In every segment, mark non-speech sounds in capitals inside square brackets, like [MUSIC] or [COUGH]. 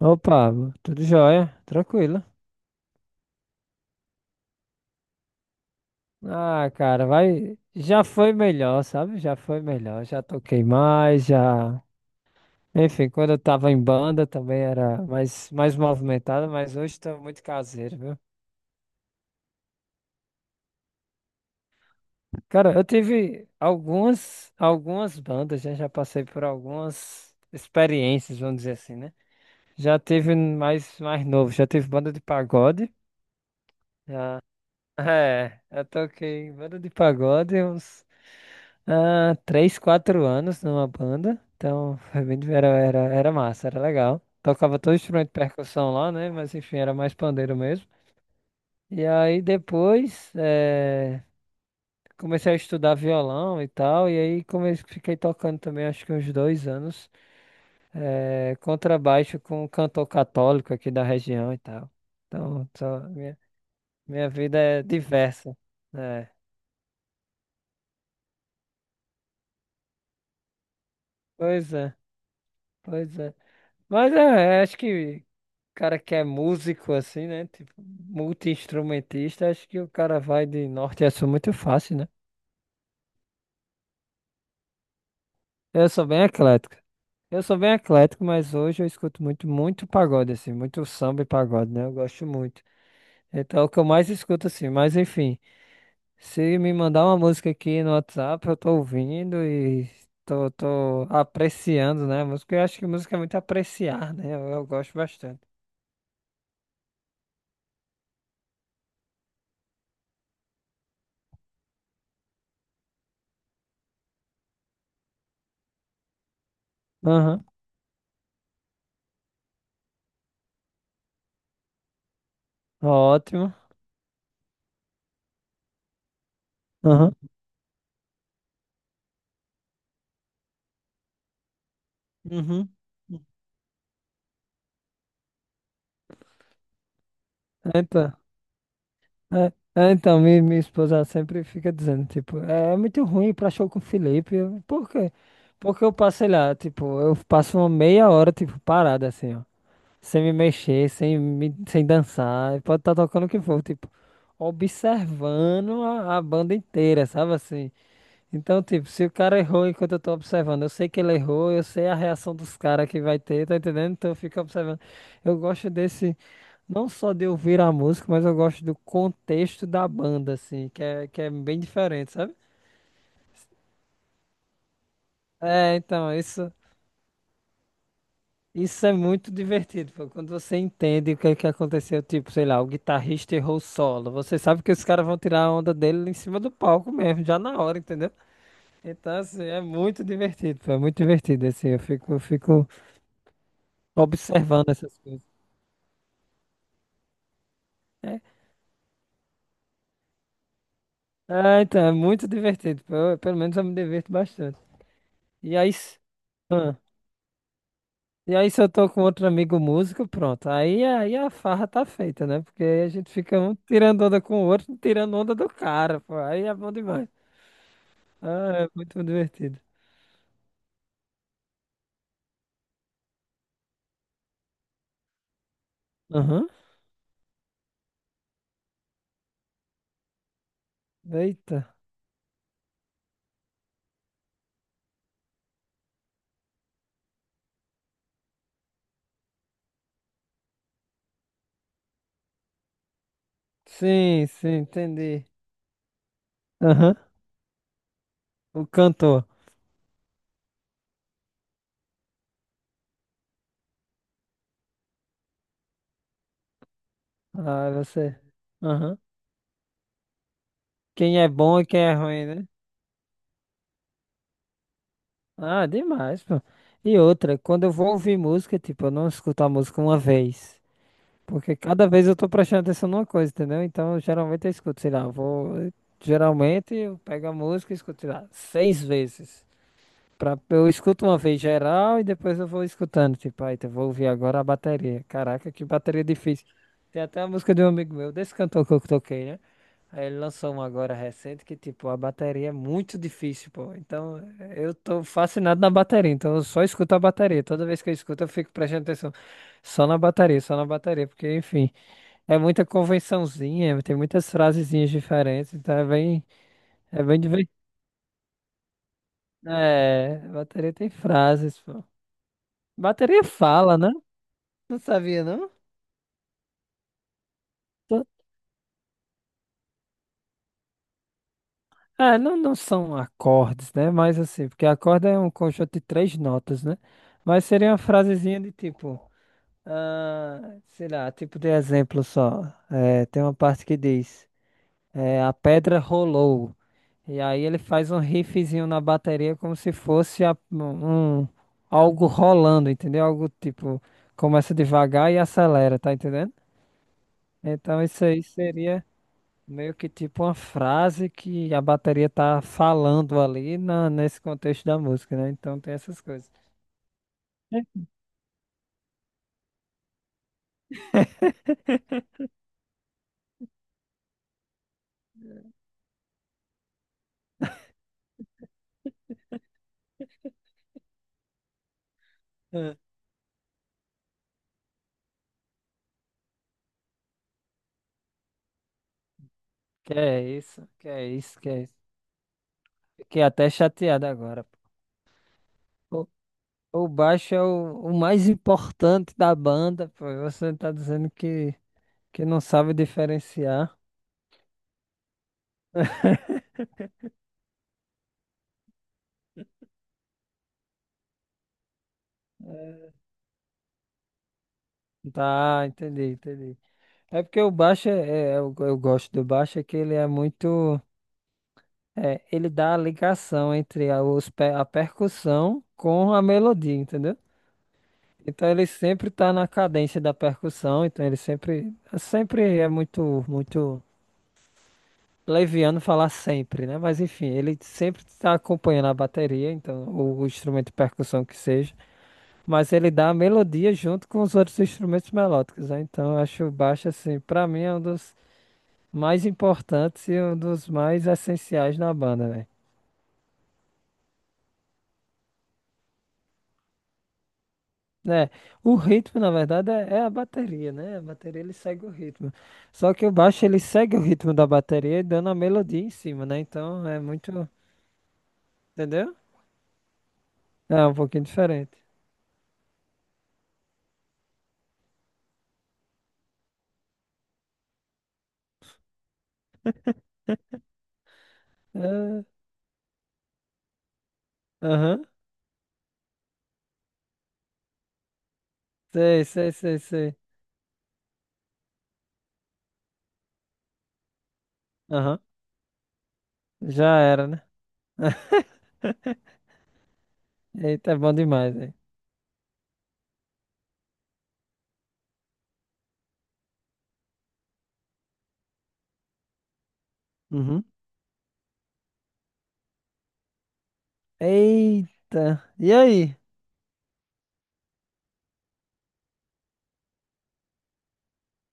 Opa, tudo jóia, tranquilo. Ah, cara, vai. Já foi melhor, sabe? Já foi melhor. Já toquei mais, já. Enfim, quando eu tava em banda também era mais movimentado, mas hoje tô muito caseiro, viu? Cara, eu tive algumas bandas, já passei por algumas experiências, vamos dizer assim, né? Já tive mais novo, já tive banda de pagode. Já... [LAUGHS] É, eu toquei em banda de pagode uns, 3, 4 anos numa banda. Então, foi bem, era massa, era legal. Tocava todo instrumento de percussão lá, né? Mas enfim, era mais pandeiro mesmo. E aí depois, comecei a estudar violão e tal. E aí comecei, fiquei tocando também, acho que uns 2 anos, contrabaixo com um cantor católico aqui da região e tal. Então, minha vida é diversa. É, pois é, pois é. Mas é, acho que cara que é músico assim, né? Tipo, multi-instrumentista, acho que o cara vai de norte a sul muito fácil, né? Eu sou bem eclético. Eu sou bem eclético, mas hoje eu escuto muito, muito pagode, assim, muito samba e pagode, né? Eu gosto muito. Então é o que eu mais escuto, assim, mas enfim, se me mandar uma música aqui no WhatsApp, eu tô ouvindo e tô apreciando, né? A música, eu acho que música é muito apreciar, né? Eu gosto bastante. Aham. Ótimo. Aham. Uhum. É, então, é, minha esposa sempre fica dizendo, tipo, é muito ruim ir pra show com o Felipe. Por quê? Porque eu passo, sei lá, tipo, eu passo uma meia hora, tipo, parada assim, ó. Sem me mexer, sem dançar. Pode estar tocando o que for, tipo, observando a banda inteira, sabe assim? Então, tipo, se o cara errou enquanto eu tô observando, eu sei que ele errou, eu sei a reação dos caras que vai ter, tá entendendo? Então eu fico observando. Eu gosto desse, não só de ouvir a música, mas eu gosto do contexto da banda, assim, que é bem diferente, sabe? É, então, isso é muito divertido, pô. Quando você entende o que é que aconteceu, tipo, sei lá, o guitarrista errou o solo, você sabe que os caras vão tirar a onda dele em cima do palco mesmo, já na hora, entendeu? Então, assim, é muito divertido, pô, é muito divertido, assim, eu fico observando essas coisas. É, então, é muito divertido. Pelo menos eu me diverto bastante. E aí, se- ah, e aí se eu tô com outro amigo músico, pronto. Aí a farra tá feita, né? Porque aí a gente fica um tirando onda com o outro, tirando onda do cara, pô. Aí é bom demais. Ah, é muito divertido. Aham. Eita. Sim, sim, entendi. Aham. O cantor. Ah, é você. Aham. Quem é bom e quem é ruim, né? Ah, demais, pô. E outra, quando eu vou ouvir música, tipo, eu não escuto a música uma vez. Porque cada vez eu tô prestando atenção numa coisa, entendeu? Então, geralmente eu escuto, sei lá, eu vou. Geralmente eu pego a música e escuto, sei lá, seis vezes. Pra, eu escuto uma vez geral e depois eu vou escutando. Tipo, aí, eu vou ouvir agora a bateria. Caraca, que bateria difícil. Tem até a música de um amigo meu, desse cantor que eu toquei, né? Aí ele lançou um agora recente que, tipo, a bateria é muito difícil, pô. Então, eu tô fascinado na bateria. Então, eu só escuto a bateria. Toda vez que eu escuto, eu fico prestando atenção só na bateria, só na bateria. Porque, enfim, é muita convençãozinha, tem muitas frasezinhas diferentes. Então, é bem divertido. É, bateria tem frases, pô. Bateria fala, né? Não sabia, não? Tô- É, não, não são acordes, né? Mas assim, porque acorde é um conjunto de três notas, né? Mas seria uma frasezinha de tipo. Ah, sei lá, tipo de exemplo só. É, tem uma parte que diz: é, a pedra rolou. E aí ele faz um riffzinho na bateria como se fosse um, algo rolando, entendeu? Algo tipo, começa devagar e acelera, tá entendendo? Então isso aí seria meio que tipo uma frase que a bateria tá falando ali nesse contexto da música, né? Então tem essas coisas. É. Que é isso, que é isso, que é isso. Fiquei até chateado agora. O, o baixo é o mais importante da banda, pô. Você tá dizendo que não sabe diferenciar. Tá, entendi, entendi. É porque o baixo, eu gosto do baixo, é que ele é muito. Ele dá a ligação entre a percussão com a melodia, entendeu? Então ele sempre tá na cadência da percussão, então ele sempre é muito, muito. Leviano falar sempre, né? Mas enfim, ele sempre está acompanhando a bateria, então, ou o instrumento de percussão que seja, mas ele dá a melodia junto com os outros instrumentos melódicos, né? Então, eu acho o baixo, assim, pra mim é um dos mais importantes e um dos mais essenciais na banda, velho. Né? É, o ritmo, na verdade, é a bateria, né? A bateria ele segue o ritmo. Só que o baixo ele segue o ritmo da bateria e dando a melodia em cima, né? Então é muito, entendeu? É um pouquinho diferente. É, aham. Sei, sei, sei, sei. Aham. Já era, né? [LAUGHS] Eita, é bom demais, velho. Uhum. Eita. E aí?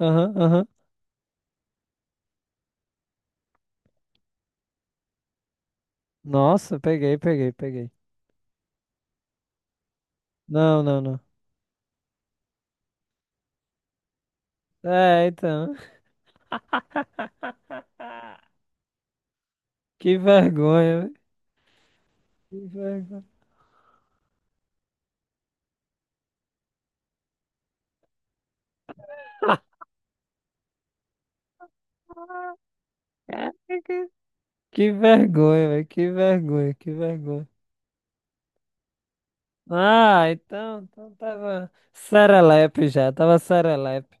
Aham, aham. Nossa, peguei, peguei, peguei. Não, não, não. É, então. [LAUGHS] Que vergonha, velho. Que vergonha. Caraca. Que vergonha, velho. Que vergonha, que vergonha. Ah, então tava serelepe já, tava serelepe.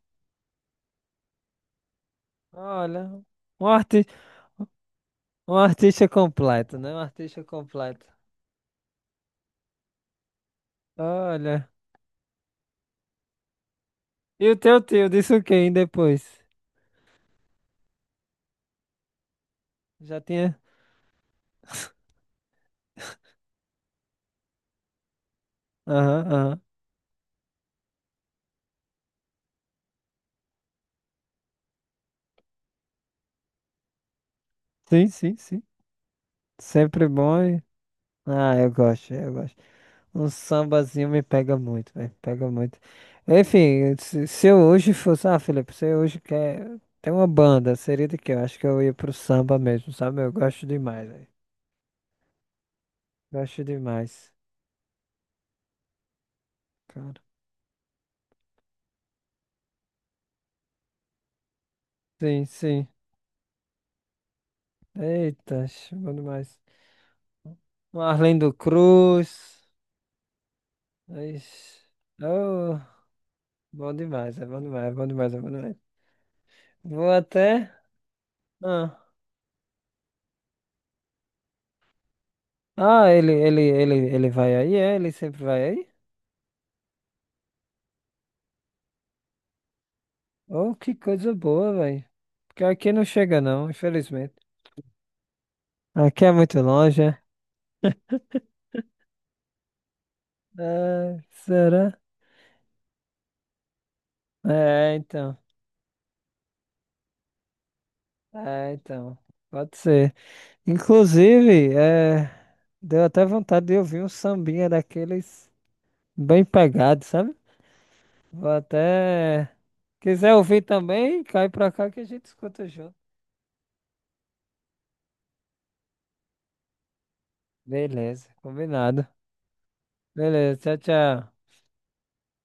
Olha, um Um artista completo, né? Um artista completo. Olha. E o teu tio disse o que aí depois? Já tinha. Aham, aham. Sim, sim, sim. Sempre bom. Ah, eu gosto, eu gosto. Um sambazinho me pega muito, velho. Pega muito. Enfim, se eu hoje fosse. Ah, Felipe, se eu hoje quer ter uma banda, seria de quê? Eu acho que eu ia pro samba mesmo, sabe? Eu gosto demais, velho. Gosto demais, cara. Sim, sim. Eita, bom demais. Um Arlindo Cruz. Mas. Oh, bom demais, é bom demais, é bom demais, é bom demais. Vou até. Ah, ah, ele vai aí, é? Ele sempre vai aí? Oh, que coisa boa, velho. Porque aqui não chega, não, infelizmente. Aqui é muito longe, é? Ah, será? É, então. É, então. Pode ser. Inclusive, é. Deu até vontade de ouvir um sambinha daqueles bem pegados, sabe? Vou até. Quiser ouvir também, cai pra cá que a gente escuta junto. Beleza, combinado. Beleza, tchau, tchau.